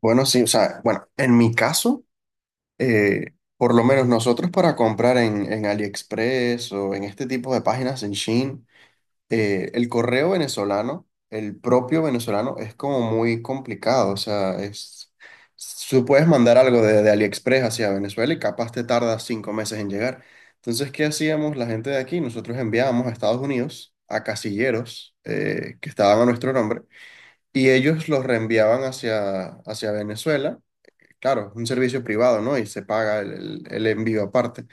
Bueno, sí, o sea, bueno, en mi caso, por lo menos nosotros para comprar en AliExpress o en este tipo de páginas en Shein, el correo venezolano, el propio venezolano, es como muy complicado. O sea, es, tú puedes mandar algo de AliExpress hacia Venezuela y capaz te tarda 5 meses en llegar. Entonces, ¿qué hacíamos la gente de aquí? Nosotros enviábamos a Estados Unidos a casilleros que estaban a nuestro nombre y ellos los reenviaban hacia Venezuela, claro, un servicio privado, ¿no? Y se paga el envío aparte.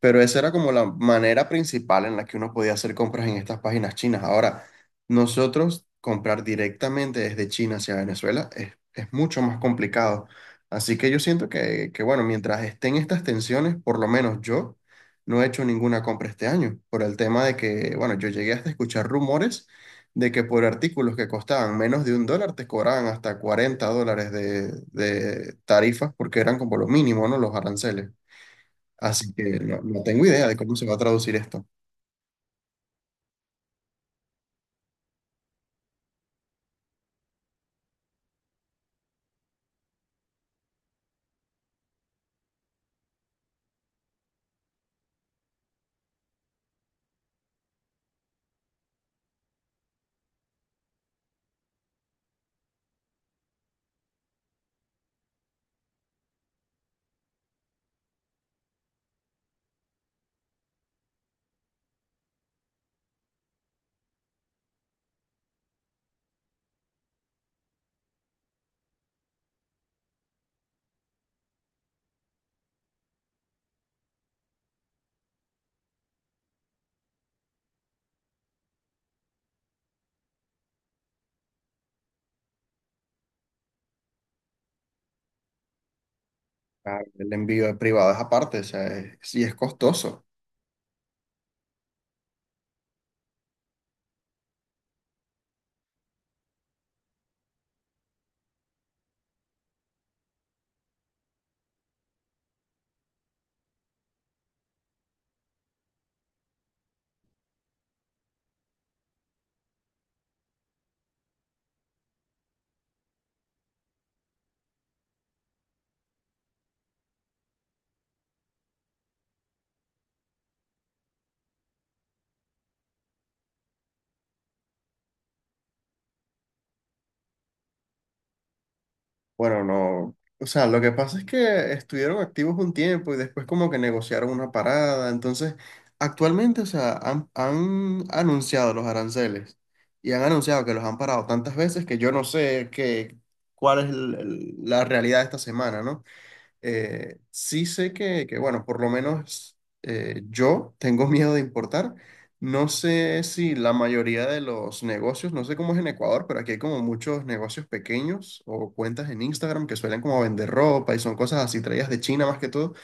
Pero esa era como la manera principal en la que uno podía hacer compras en estas páginas chinas. Ahora, nosotros comprar directamente desde China hacia Venezuela es mucho más complicado. Así que yo siento que, bueno, mientras estén estas tensiones, por lo menos yo no he hecho ninguna compra este año, por el tema de que, bueno, yo llegué hasta escuchar rumores de que por artículos que costaban menos de un dólar te cobraban hasta $40 de tarifas porque eran como lo mínimo, ¿no? Los aranceles. Así que no, no tengo idea de cómo se va a traducir esto. Ah, el envío privado es aparte, o sea, es- sí es costoso. Bueno, no. O sea, lo que pasa es que estuvieron activos un tiempo y después como que negociaron una parada. Entonces, actualmente, o sea, han anunciado los aranceles y han anunciado que los han parado tantas veces que yo no sé qué, cuál es la realidad de esta semana, ¿no? Sí sé que, bueno, por lo menos yo tengo miedo de importar. No sé si la mayoría de los negocios, no sé cómo es en Ecuador, pero aquí hay como muchos negocios pequeños o cuentas en Instagram que suelen como vender ropa y son cosas así traídas de China más que todo.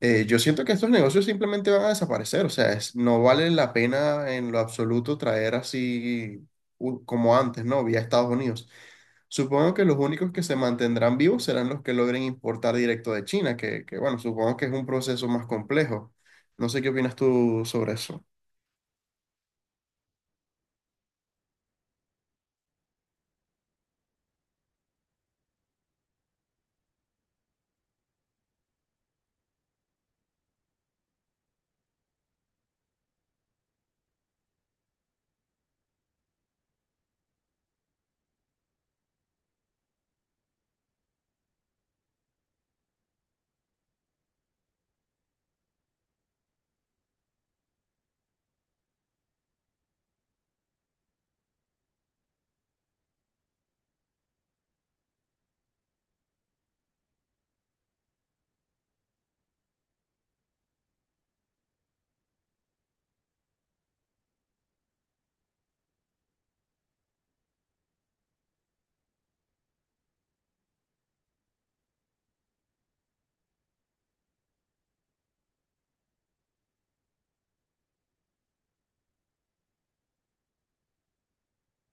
Yo siento que estos negocios simplemente van a desaparecer, o sea, es- no vale la pena en lo absoluto traer así como antes, ¿no? Vía Estados Unidos. Supongo que los únicos que se mantendrán vivos serán los que logren importar directo de China, que, bueno, supongo que es un proceso más complejo. No sé qué opinas tú sobre eso.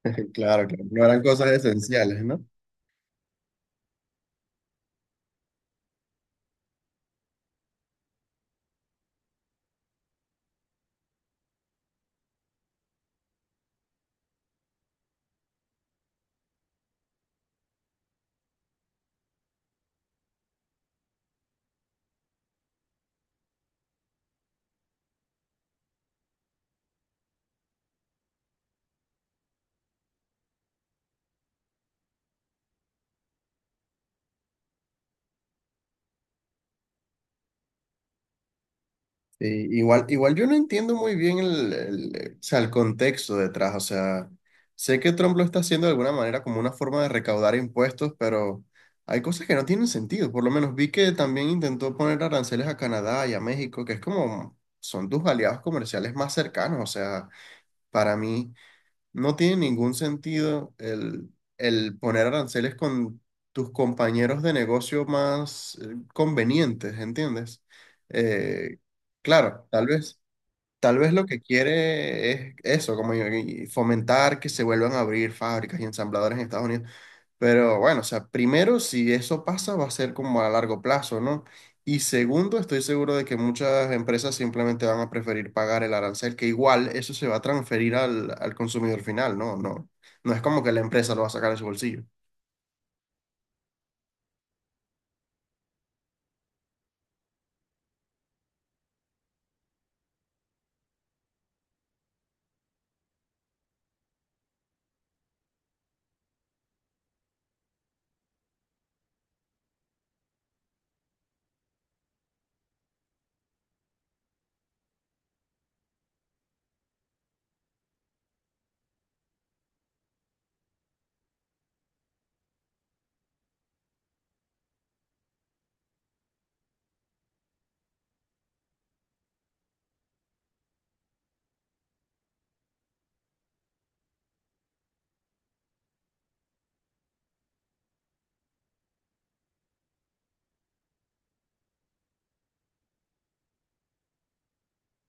Claro, claro, no eran cosas esenciales, ¿no? Sí, igual, igual yo no entiendo muy bien el o sea, el contexto detrás, o sea, sé que Trump lo está haciendo de alguna manera como una forma de recaudar impuestos, pero hay cosas que no tienen sentido, por lo menos vi que también intentó poner aranceles a Canadá y a México, que es como, son tus aliados comerciales más cercanos, o sea, para mí no tiene ningún sentido el poner aranceles con tus compañeros de negocio más convenientes, ¿entiendes? Eh, claro, tal vez. Tal vez lo que quiere es eso, como y fomentar que se vuelvan a abrir fábricas y ensambladores en Estados Unidos. Pero bueno, o sea, primero, si eso pasa, va a ser como a largo plazo, ¿no? Y segundo, estoy seguro de que muchas empresas simplemente van a preferir pagar el arancel, que igual eso se va a transferir al consumidor final, ¿no? No, no es como que la empresa lo va a sacar de su bolsillo.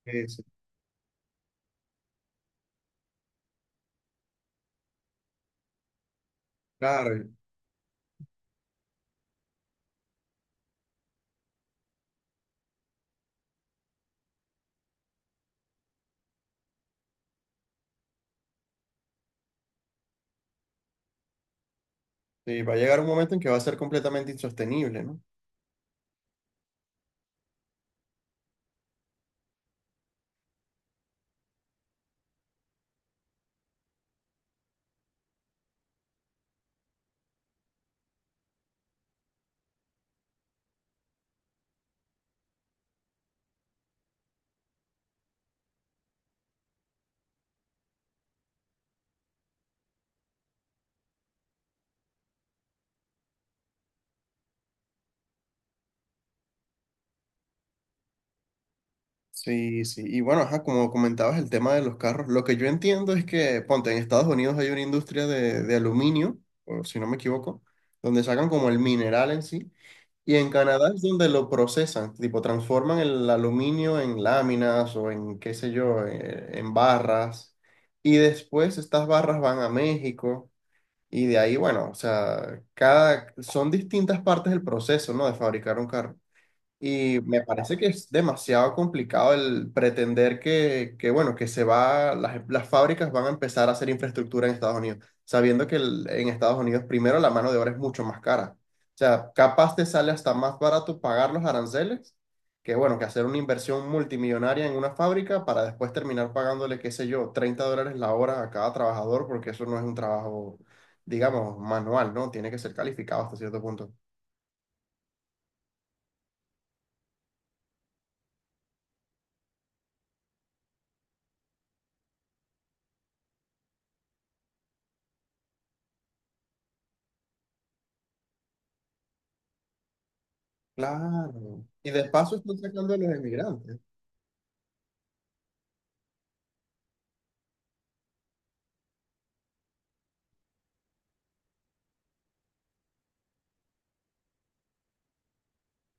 Sí, sí, claro, sí, va a llegar un momento en que va a ser completamente insostenible, ¿no? Sí, sí. Y bueno, ajá, como comentabas el tema de los carros, lo que yo entiendo es que, ponte, en Estados Unidos hay una industria de aluminio, o si no me equivoco, donde sacan como el mineral en sí. Y en Canadá es donde lo procesan, tipo transforman el aluminio en láminas o en qué sé yo, en barras. Y después estas barras van a México y de ahí, bueno, o sea, cada, son distintas partes del proceso, ¿no? De fabricar un carro. Y me parece que es demasiado complicado el pretender que, bueno, que se va, las fábricas van a empezar a hacer infraestructura en Estados Unidos, sabiendo que el- en Estados Unidos primero la mano de obra es mucho más cara. O sea, capaz te sale hasta más barato pagar los aranceles que, bueno, que hacer una inversión multimillonaria en una fábrica para después terminar pagándole, qué sé yo, $30 la hora a cada trabajador, porque eso no es un trabajo, digamos, manual, ¿no? Tiene que ser calificado hasta cierto punto. Claro. Y de paso están sacando a los emigrantes.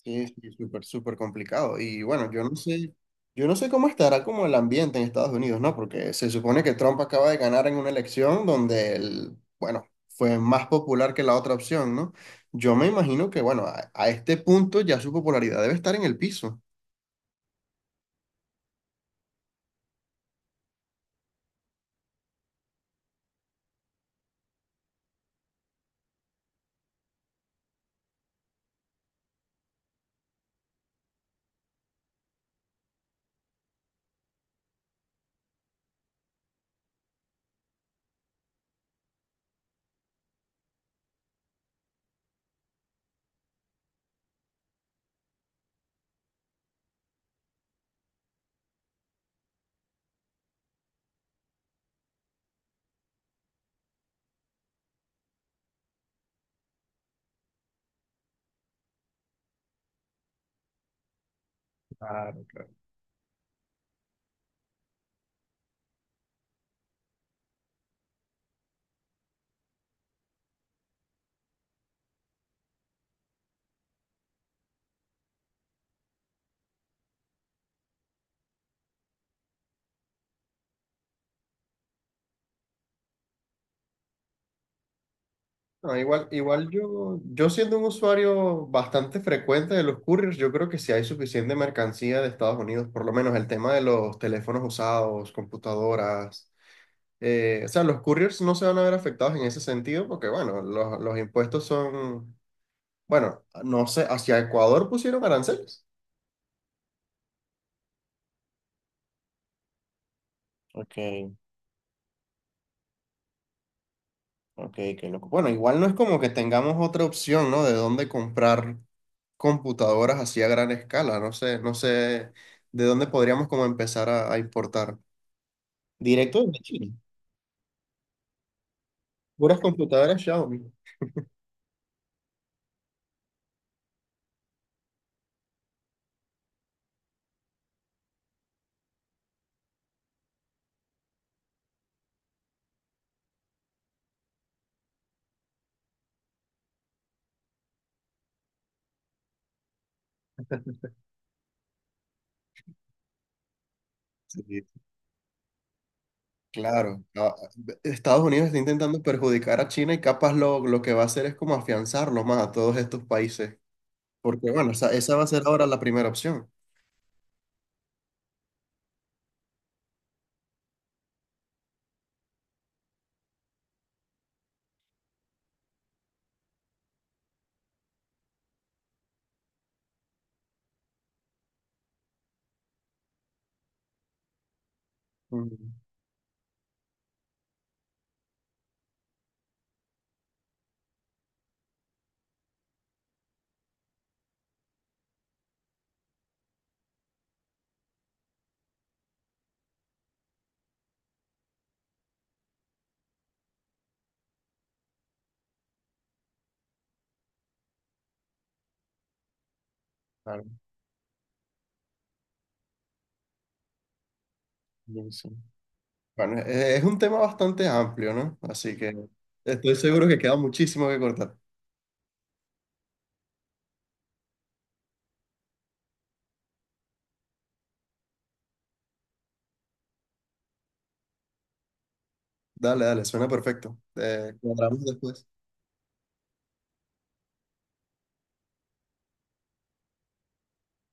Sí, sí, súper, súper complicado. Y bueno, yo no sé cómo estará como el ambiente en Estados Unidos, ¿no? Porque se supone que Trump acaba de ganar en una elección donde él, bueno, fue más popular que la otra opción, ¿no? Yo me imagino que, bueno, a este punto ya su popularidad debe estar en el piso. Claro, claro. No, igual, igual yo, yo siendo un usuario bastante frecuente de los couriers, yo creo que si hay suficiente mercancía de Estados Unidos, por lo menos el tema de los teléfonos usados, computadoras, o sea, los couriers no se van a ver afectados en ese sentido porque, bueno, los impuestos son, bueno, no sé, hacia Ecuador pusieron aranceles. Ok, ok, qué loco. Bueno, igual no es como que tengamos otra opción, ¿no? De dónde comprar computadoras así a gran escala. No sé, no sé de dónde podríamos como empezar a importar. Directo desde China. Puras computadoras Xiaomi. Sí. Claro, a- Estados Unidos está intentando perjudicar a China y capaz lo que va a hacer es como afianzarlo más a todos estos países, porque bueno, esa va a ser ahora la primera opción. Mm, claro, yo sí. Bueno, e- es, un tema bastante amplio, ¿no? Así que estoy seguro que queda muchísimo que cortar. Dale, dale, suena perfecto. Cuadramos después.